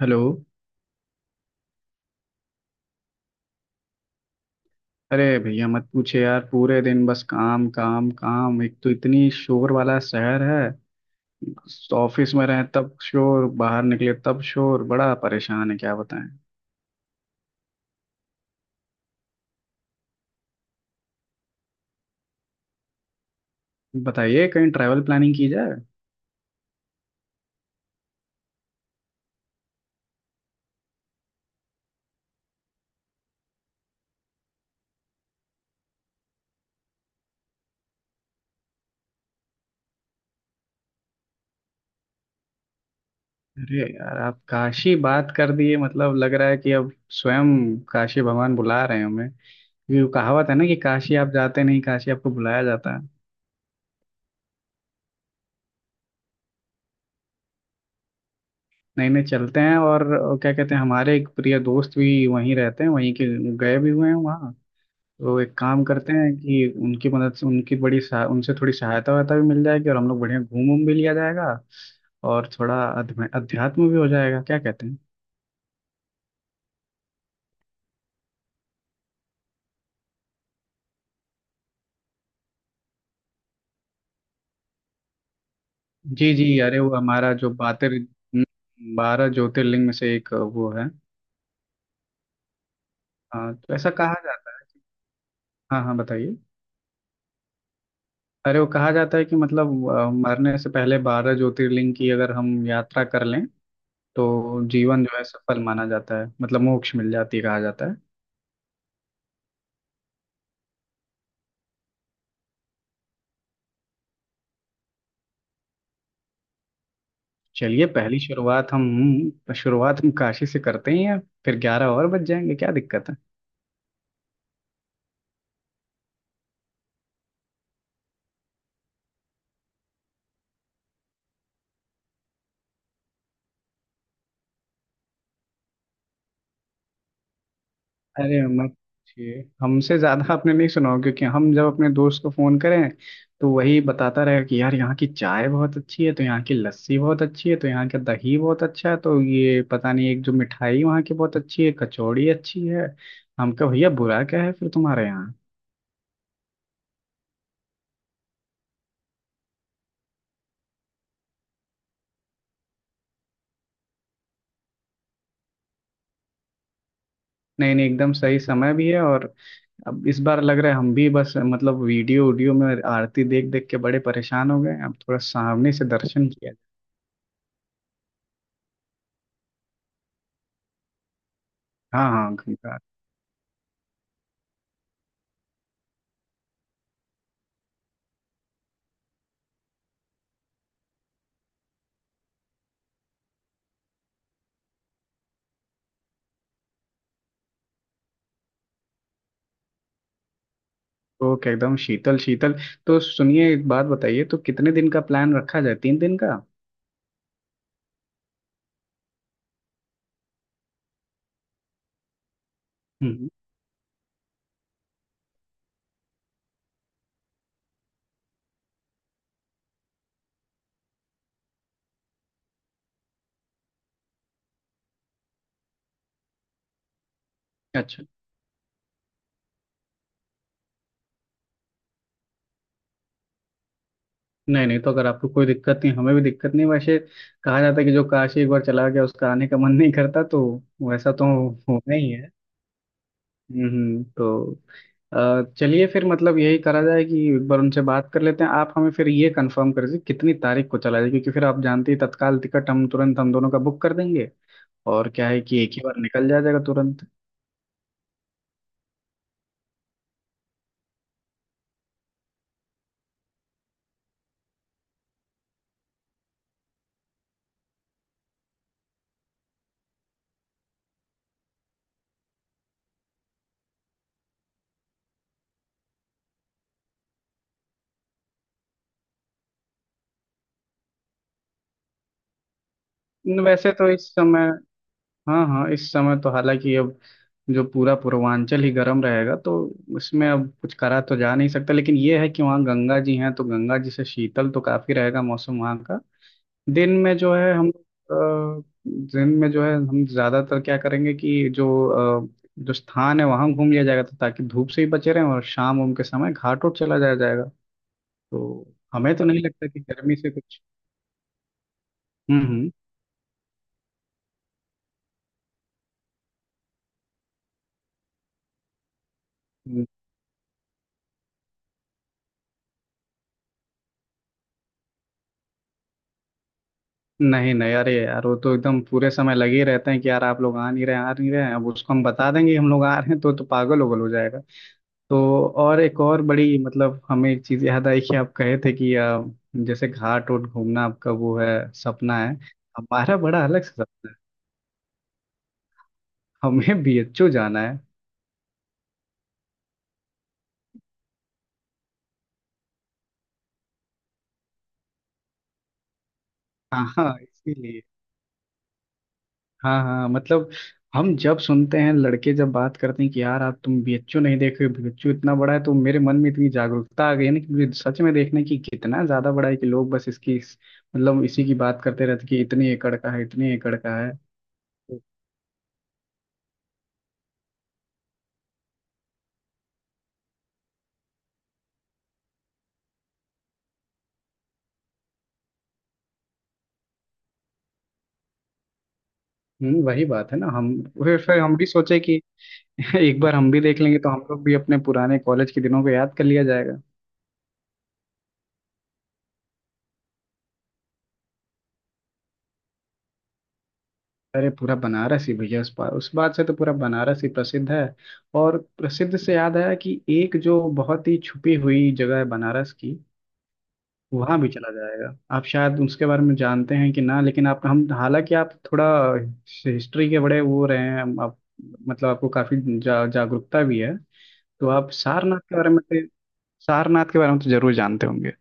Hello. अरे भैया मत पूछे यार, पूरे दिन बस काम काम काम। एक तो इतनी शोर वाला शहर है, ऑफिस में रहें तब शोर, बाहर निकले तब शोर, बड़ा परेशान है क्या बताएं। बताइए, कहीं ट्रैवल प्लानिंग की जाए। अरे यार आप काशी बात कर दिए, मतलब लग रहा है कि अब स्वयं काशी भगवान बुला रहे हैं हमें, क्योंकि वो कहावत है ना कि काशी आप जाते नहीं, काशी आपको बुलाया जाता है। नहीं नहीं, चलते हैं। और क्या कहते हैं, हमारे एक प्रिय दोस्त भी वहीं रहते हैं, वहीं के गए भी हुए हैं वहाँ। तो एक काम करते हैं कि उनकी मदद से उनकी बड़ी उनसे थोड़ी सहायता वायता भी मिल जाएगी और हम लोग बढ़िया घूम उम भी लिया जाएगा। और थोड़ा अध्यात्म भी हो जाएगा, क्या कहते हैं। जी जी, अरे वो हमारा जो बातें, 12 ज्योतिर्लिंग में से एक वो है। हाँ, तो ऐसा कहा जाता है। हाँ हाँ बताइए। अरे वो कहा जाता है कि मतलब मरने से पहले 12 ज्योतिर्लिंग की अगर हम यात्रा कर लें तो जीवन जो है सफल माना जाता है, मतलब मोक्ष मिल जाती है कहा जाता है। चलिए, पहली शुरुआत हम काशी से करते हैं यार। फिर 11 और बज जाएंगे क्या दिक्कत है। अरे मत पूछिए, हमसे ज्यादा आपने नहीं सुना होगा, क्योंकि हम जब अपने दोस्त को फोन करें तो वही बताता रहेगा कि यार यहाँ की चाय बहुत अच्छी है, तो यहाँ की लस्सी बहुत अच्छी है, तो यहाँ का दही बहुत अच्छा है, तो ये पता नहीं एक जो मिठाई वहाँ की बहुत अच्छी है, कचौड़ी अच्छी है। हम कहा भैया, बुरा क्या है फिर तुम्हारे यहाँ। नहीं नहीं, एकदम सही समय भी है। और अब इस बार लग रहा है हम भी बस मतलब वीडियो वीडियो में आरती देख देख के बड़े परेशान हो गए हैं। अब थोड़ा सामने से दर्शन किया जाए। हाँ हाँ, गंगा। तो क्या एकदम शीतल शीतल। तो सुनिए एक बात बताइए, तो कितने दिन का प्लान रखा जाए, 3 दिन का। हम्म। अच्छा। नहीं नहीं, तो अगर आपको कोई दिक्कत नहीं हमें भी दिक्कत नहीं। वैसे कहा जाता है कि जो काशी एक बार चला गया उसका आने का मन नहीं करता, तो वैसा तो होना ही है। हम्म, तो चलिए फिर मतलब यही करा जाए कि एक बार उनसे बात कर लेते हैं। आप हमें फिर ये कंफर्म कर दीजिए कितनी तारीख को चला जाए, क्योंकि फिर आप जानते हैं तत्काल टिकट हम तुरंत हम दोनों का बुक कर देंगे। और क्या है कि एक ही बार निकल जाया जाएगा तुरंत। न, वैसे तो इस समय, हाँ हाँ, इस समय तो हालांकि अब जो पूरा पूर्वांचल ही गर्म रहेगा तो उसमें अब कुछ करा तो जा नहीं सकता, लेकिन ये है कि वहाँ गंगा जी हैं तो गंगा जी से शीतल तो काफी रहेगा मौसम वहाँ का। दिन में जो है हम अ, दिन में जो है हम ज्यादातर क्या करेंगे कि जो अ, जो स्थान है वहां घूम लिया जाएगा, तो ताकि धूप से ही बचे रहें, और शाम उम के समय घाट उठ चला जाया जाएगा। तो हमें तो नहीं लगता कि गर्मी से कुछ। हम्म हम्म। नहीं नहीं, अरे यार वो तो एकदम पूरे समय लगे ही रहते हैं कि यार आप लोग आ नहीं रहे, आ नहीं रहे हैं। अब उसको हम बता देंगे कि हम लोग आ रहे हैं तो पागल उगल हो जाएगा। तो और एक और बड़ी मतलब हमें एक चीज याद आई कि आप कहे थे कि जैसे घाट वोट घूमना आपका वो है सपना है। हमारा बड़ा अलग से सपना है। हमें बीएचयू जाना है। हाँ हाँ इसीलिए। हाँ हाँ मतलब, हम जब सुनते हैं लड़के जब बात करते हैं कि यार आप तुम बीएचयू नहीं देखे, बीएचयू इतना बड़ा है तो मेरे मन में इतनी जागरूकता आ गई है ना कि मुझे सच में देखने की, कितना ज्यादा बड़ा है कि लोग बस मतलब इसी की बात करते रहते कि इतने एकड़ का है इतने एकड़ का है। हम्म, वही बात है ना, हम फिर हम भी सोचे कि एक बार हम भी देख लेंगे तो हम लोग भी अपने पुराने कॉलेज के दिनों को याद कर लिया जाएगा। अरे पूरा बनारस ही भैया उस बात से तो पूरा बनारस ही प्रसिद्ध है। और प्रसिद्ध से याद आया कि एक जो बहुत ही छुपी हुई जगह है बनारस की, वहां भी चला जाएगा। आप शायद उसके बारे में जानते हैं कि ना, लेकिन आप हम हालांकि आप थोड़ा हिस्ट्री के बड़े वो रहे हैं आप, मतलब आपको काफी जागरूकता भी है। तो आप सारनाथ के बारे में सारनाथ के बारे में तो जरूर जानते होंगे।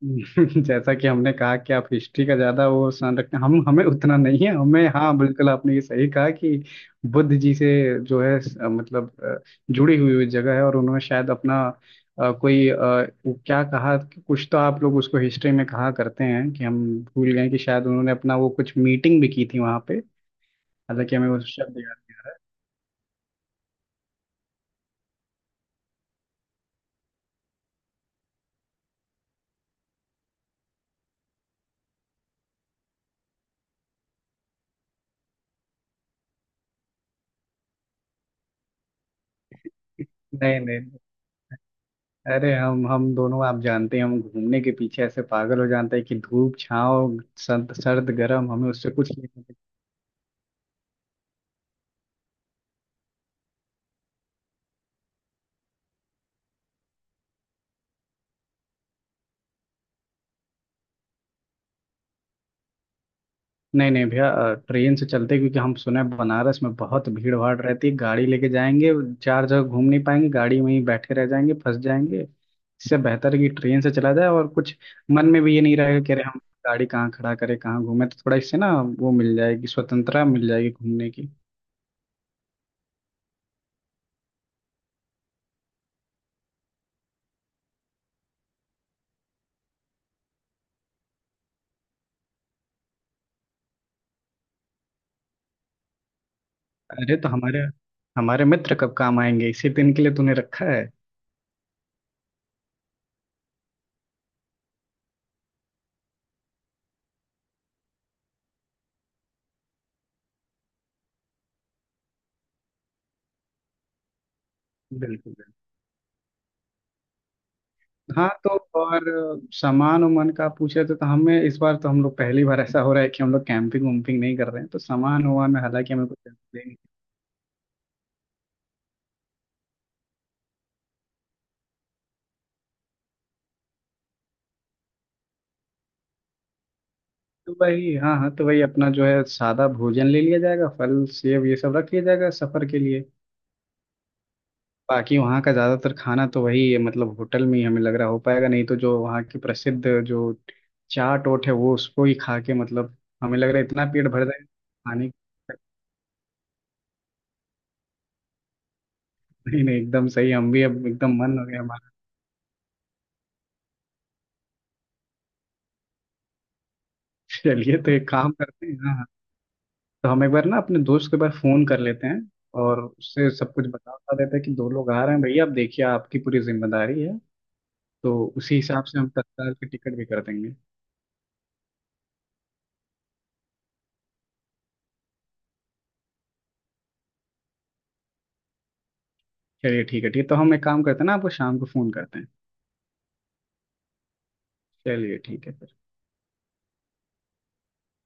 जैसा कि हमने कहा कि आप हिस्ट्री का ज्यादा वो सान रखते हैं, हम हमें उतना नहीं है। हमें, हाँ बिल्कुल आपने ये सही कहा कि बुद्ध जी से जो है मतलब जुड़ी हुई हुई जगह है। और उन्होंने शायद अपना कोई वो क्या कहा कि कुछ तो आप लोग उसको हिस्ट्री में कहा करते हैं कि हम भूल गए, कि शायद उन्होंने अपना वो कुछ मीटिंग भी की थी वहां पे। हालांकि हमें उस शब्द याद नहीं। नहीं नहीं। अरे हम दोनों आप जानते हैं हम घूमने के पीछे ऐसे पागल हो जाते हैं कि धूप छाँव सर्द सर्द गर्म हमें उससे कुछ नहीं। नहीं नहीं भैया ट्रेन से चलते हैं, क्योंकि हम सुना है बनारस में बहुत भीड़ भाड़ रहती है, गाड़ी लेके जाएंगे चार जगह घूम नहीं पाएंगे, गाड़ी में ही बैठे रह जाएंगे फंस जाएंगे, इससे बेहतर है कि ट्रेन से चला जाए। और कुछ मन में भी ये नहीं रहेगा कि अरे हम गाड़ी कहाँ खड़ा करें कहाँ घूमें, तो थोड़ा इससे ना वो मिल जाएगी स्वतंत्रता, मिल जाएगी घूमने की। अरे तो हमारे हमारे मित्र कब काम आएंगे, इसी दिन के लिए तूने रखा है। बिल्कुल। हाँ, तो और सामान उमान का पूछे, तो हमें इस बार तो हम लोग पहली बार ऐसा हो रहा है कि हम लोग कैंपिंग वैम्पिंग नहीं कर रहे हैं, तो सामान वामान में हालांकि हमें कुछ देंगे। तो भाई हाँ हाँ, तो भाई अपना जो है सादा भोजन ले लिया जाएगा, फल सेब ये सब रख लिया जाएगा सफर के लिए। बाकी वहाँ का ज़्यादातर खाना तो वही है, मतलब होटल में ही हमें लग रहा हो पाएगा नहीं, तो जो वहाँ की प्रसिद्ध जो चाट ओट है वो उसको ही खा के मतलब हमें लग रहा है इतना पेट भर जाएगा। खाने। नहीं नहीं, एकदम सही, हम भी अब एकदम मन हो गया हमारा। चलिए तो एक काम करते हैं हाँ, तो हम एक बार ना अपने दोस्त को एक बार फोन कर लेते हैं और उससे सब कुछ बता बता देते हैं कि दो लोग आ रहे हैं भैया, आप देखिए आपकी पूरी जिम्मेदारी है। तो उसी हिसाब से हम तत्काल की टिकट भी कर देंगे। चलिए ठीक है ठीक है, तो हम एक काम करते हैं ना, आपको शाम को फोन करते हैं। चलिए ठीक है फिर।